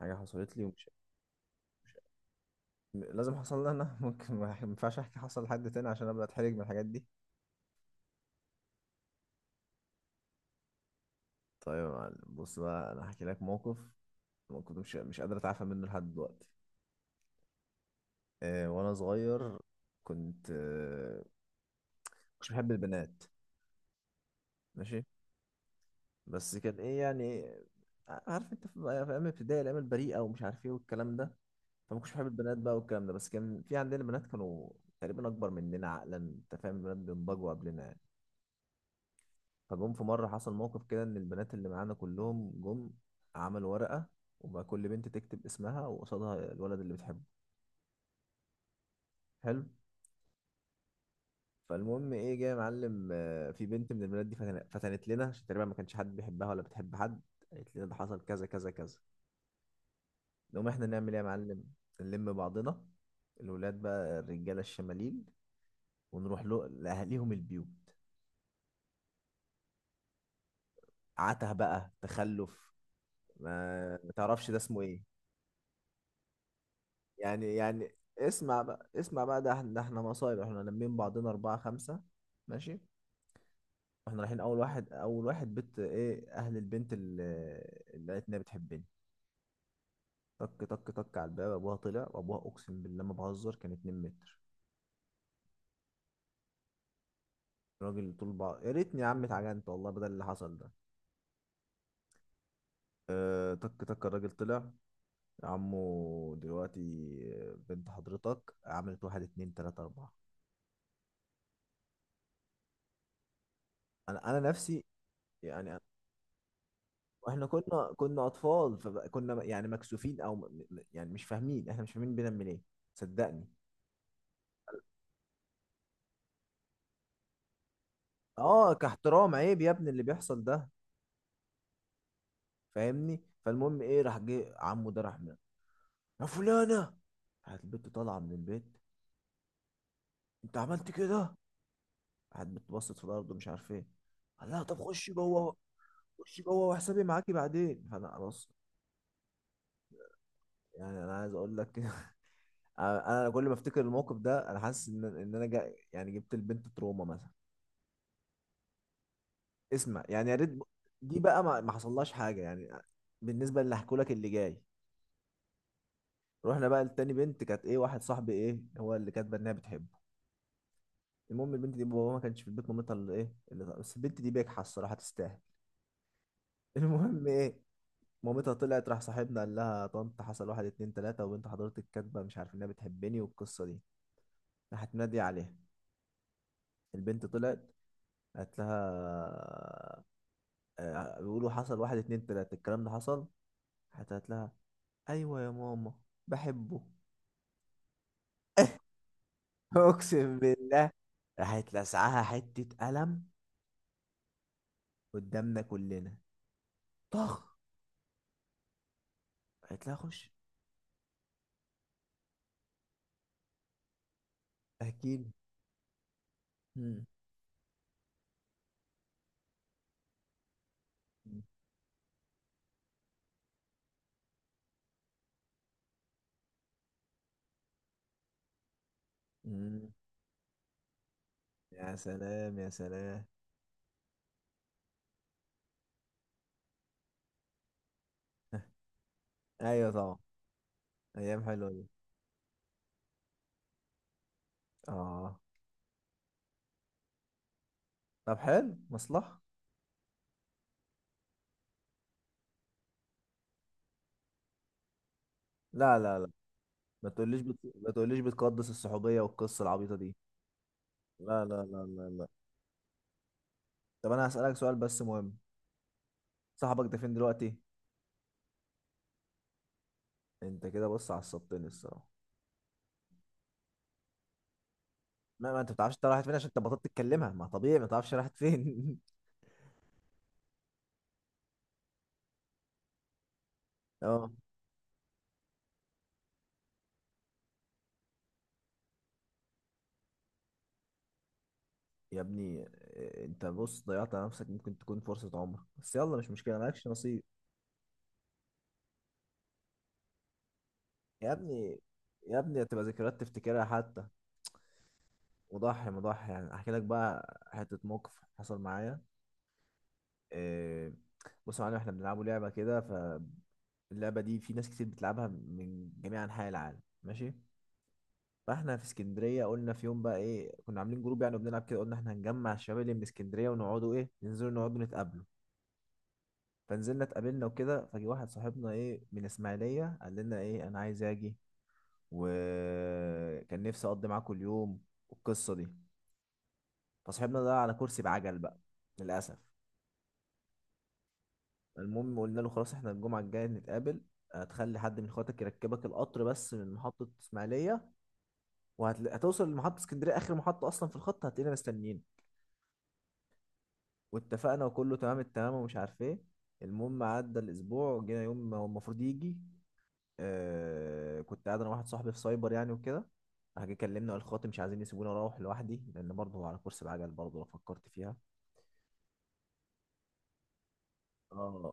حاجة حصلت لي ومش مش... لازم حصل لي أنا ممكن ما ينفعش أحكي حصل لحد تاني عشان أبدأ أتحرج من الحاجات دي. طيب يا معلم، بص بقى أنا هحكي لك موقف كنت مش قادر أتعافى منه لحد دلوقتي. آه وأنا صغير كنت مش بحب البنات، ماشي. بس كان إيه يعني، عارف أنت في أيام الابتدائي، الأيام البريئة ومش عارف إيه والكلام ده. فما كنتش بحب البنات بقى والكلام ده، بس كان في عندنا بنات كانوا تقريبا أكبر مننا عقلا، أنت فاهم، البنات بينضجوا قبلنا يعني. فجم في مرة، حصل موقف كده إن البنات اللي معانا كلهم جم عملوا ورقة، وبقى كل بنت تكتب اسمها وقصادها الولد اللي بتحبه. حلو. فالمهم إيه جاي يا معلم، في بنت من البنات دي فتنت لنا عشان تقريبا ما كانش حد بيحبها ولا بتحب حد. قالت لنا ده حصل كذا كذا كذا. نقوم إحنا نعمل إيه يا معلم؟ نلم بعضنا، الولاد بقى الرجالة الشمالين، ونروح له لأهاليهم البيوت. عته بقى، تخلف، ما تعرفش ده اسمه إيه. يعني اسمع بقى، ده احنا مصايب، احنا لمين بعضنا أربعة خمسة، ماشي. واحنا رايحين أول واحد بيت إيه أهل البنت اللي قالت إنها بتحبني. طك طك طك على الباب، أبوها طلع، وأبوها أقسم بالله ما بهزر كان 2 متر. الراجل طول بقى، يا ريتني يا عم اتعجنت والله بدل اللي حصل ده. اه طك طك، الراجل طلع. يا عمو، دلوقتي بنت حضرتك عملت واحد اتنين تلاتة أربعة. أنا نفسي يعني. واحنا كنا اطفال فكنا يعني مكسوفين او يعني مش فاهمين، احنا مش فاهمين بنعمل ايه، صدقني. اه كاحترام، عيب يا ابني اللي بيحصل ده. فاهمني. فالمهم ايه، راح جه عمه ده، يا فلانه. راحت البت طالعه من البيت، انت عملت كده؟ راحت بتبصت في الارض ومش عارف ايه. قال لها طب خشي جوه، خشي جوه وحسابي معاكي بعدين. فانا خلاص، يعني انا عايز اقول لك أنا كل ما افتكر الموقف ده انا حاسس ان انا جا يعني جبت البنت تروما مثلا. اسمع يعني، يا ريت دي بقى ما حصلهاش حاجه يعني، بالنسبه اللي هحكولك اللي جاي. رحنا بقى لتاني بنت، كانت ايه، واحد صاحبي ايه هو اللي كاتبه انها بتحبه. المهم البنت دي بابا ما كانش في البيت، مامتها اللي ايه اللي، بس البنت دي بجحة الصراحه تستاهل. المهم ايه، مامتها طلعت، راح صاحبنا قال لها يا طنط حصل واحد اتنين تلاته وبنت حضرتك كاتبه مش عارف انها بتحبني والقصه دي. راحت ناديه عليها، البنت طلعت، قالت لها، بيقولوا حصل واحد اتنين تلاته الكلام ده حصل؟ راحت قالت لها ايوه يا ماما، بحبه. اقسم بالله، راحت لسعها حته قلم قدامنا كلنا، طخ. قالت لها خش. اكيد. مم. مم. يا سلام يا سلام. ايوه طبعا. ايام حلوه دي، اه. طب حلو، مصلحه. لا لا لا، ما تقوليش بتقدس الصحوبيه والقصه العبيطه دي. لا لا لا لا لا. طب انا هسألك سؤال بس مهم، صاحبك ده فين دلوقتي؟ انت كده بص عصبتني الصراحه. ما انت ما بتعرفش انت رايحة فين عشان انت بطلت تتكلمها، ما طبيعي ما تعرفش رايحة فين. اه. يا ابني، انت بص ضيعت على نفسك، ممكن تكون فرصة عمر، بس يلا مش مشكلة، مالكش نصيب. يا ابني، يا ابني، هتبقى ذكريات تفتكرها حتى. وضحي مضحي يعني، احكي لك بقى حتة موقف حصل معايا. اه، بص يا معلم، احنا بنلعبوا لعبة كده، ف اللعبة دي في ناس كتير بتلعبها من جميع أنحاء العالم، ماشي. فاحنا في اسكندريه، قلنا في يوم بقى ايه، كنا عاملين جروب يعني وبنلعب كده، قلنا احنا هنجمع الشباب اللي من اسكندريه ونقعدوا ايه، ننزلوا نقعدوا نتقابلوا. فنزلنا اتقابلنا وكده، فجي واحد صاحبنا ايه من اسماعيليه قال لنا ايه انا عايز اجي وكان نفسي اقضي معاكم اليوم والقصه دي. فصاحبنا ده على كرسي بعجل بقى، للاسف. المهم قلنا له خلاص احنا الجمعه الجايه نتقابل، هتخلي حد من اخواتك يركبك القطر بس من محطه اسماعيليه، وهتوصل لمحطه اسكندريه اخر محطه اصلا في الخط، هتلاقينا مستنيين. واتفقنا وكله تمام التمام ومش عارف ايه. المهم عدى الاسبوع، جينا يوم ما هو المفروض يجي، آه كنت قاعد انا واحد صاحبي في سايبر يعني وكده، راح جه كلمنا وقال خاطر مش عايزين يسيبوني اروح لوحدي لان برضه هو على كرسي بعجل، برضه لو فكرت فيها. اه.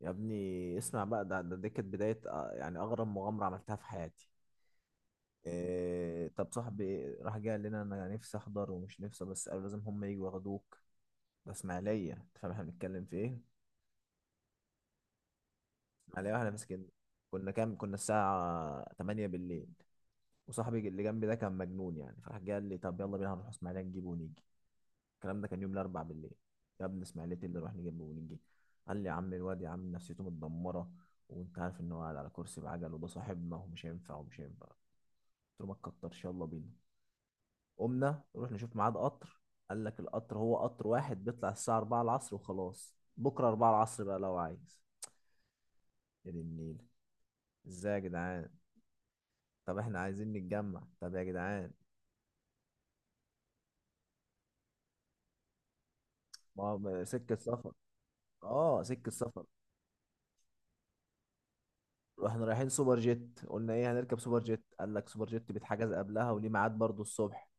يا ابني اسمع بقى، ده دي كانت بدايه، يعني اغرب مغامره عملتها في حياتي. إيه طب صاحبي راح جه قال لنا انا نفسي احضر ومش نفسي، بس قالوا لازم هم يجوا ياخدوك، ده اسماعيليه، انت فاهم احنا بنتكلم في ايه، على واحنا مسكين. كنا كام، كنا الساعة 8 بالليل. وصاحبي اللي جنبي ده كان مجنون يعني، فراح جه قال لي طب يلا بينا هنروح اسماعيلية نجيبه ونيجي. الكلام ده كان يوم الأربع بالليل. يا ابني اسماعيلية، إيه اللي نروح نجيبه ونيجي؟ قال لي يا عم الواد يا عم نفسيته متدمرة وانت عارف ان هو قاعد على كرسي بعجل وده صاحبنا ومش هينفع ومش هينفع. قلت له ما تكترش، يلا بينا. قمنا نروح نشوف ميعاد قطر، قال لك القطر هو قطر واحد بيطلع الساعة 4 العصر وخلاص، بكرة 4 العصر بقى لو عايز. يا دي النيل، ازاي يا جدعان، طب احنا عايزين نتجمع، طب يا جدعان. ما هو سكة سفر، اه سكة سفر. واحنا رايحين سوبر جيت، قلنا ايه هنركب سوبر جيت، قال لك سوبر جيت بيتحجز قبلها وليه ميعاد برضه الصبح.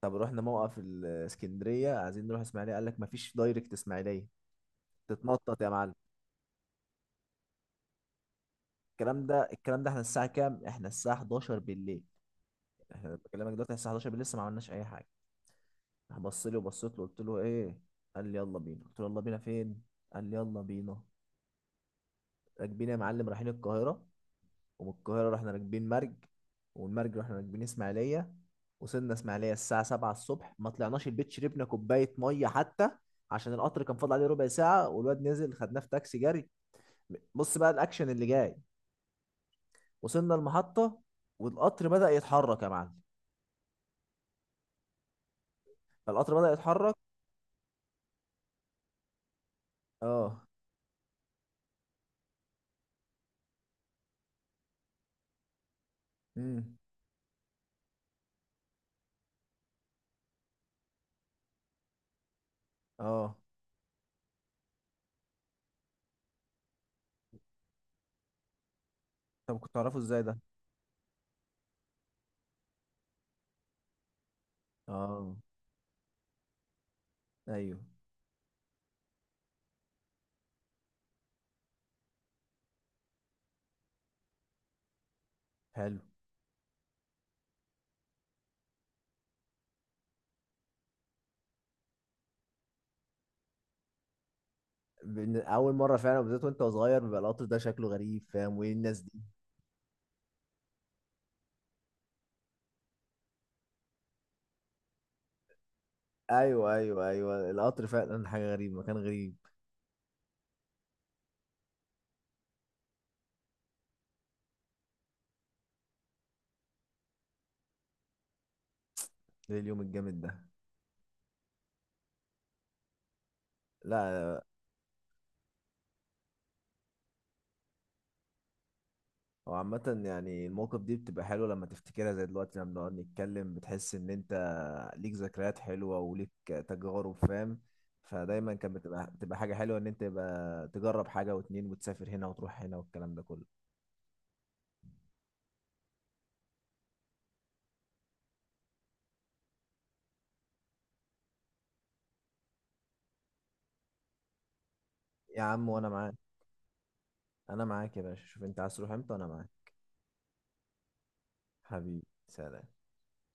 طب رحنا موقف الاسكندرية عايزين نروح اسماعيلية، قال لك مفيش دايركت اسماعيلية، تتنطط يا معلم. الكلام ده احنا الساعة كام، احنا الساعة 11 بالليل. احنا بكلمك دلوقتي الساعة 11 بالليل لسه ما عملناش اي حاجة. راح بص لي وبصيت له، قلت له ايه، قال لي يلا بينا، قلت له يلا بينا فين، قال لي يلا بينا. راكبين يا معلم رايحين القاهرة، ومن القاهرة رحنا راكبين مرج، ومن مرج رحنا راكبين اسماعيلية. وصلنا اسماعيلية الساعة 7 الصبح، ما طلعناش البيت شربنا كوباية مية حتى، عشان القطر كان فاضل عليه ربع ساعة، والواد نزل خدناه في تاكسي جري. بص بقى الأكشن اللي جاي، وصلنا المحطة والقطر بدأ يتحرك يا معلم. فالقطر بدأ يتحرك. اه. امم. اه. طب كنت تعرفه ازاي ده؟ اه. ايوه. حلو. اول مره فعلا بالذات وانت صغير بيبقى القطر ده شكله غريب فاهم، وايه الناس. ايوه ايوه ايوه، القطر فعلا حاجه غريبه، مكان غريب. ايه اليوم الجامد ده. لا. هو عامة يعني المواقف دي بتبقى حلوة لما تفتكرها، زي دلوقتي لما بنقعد نتكلم بتحس إن أنت ليك ذكريات حلوة وليك تجارب، فاهم. فدايما كانت بتبقى حاجة حلوة إن أنت يبقى تجرب حاجة واتنين وتسافر هنا وتروح هنا والكلام ده كله. يا عم وأنا معاك، أنا معاك يا باشا، شوف أنت عايز تروح إمتى وأنا معاك. حبيبي سلام.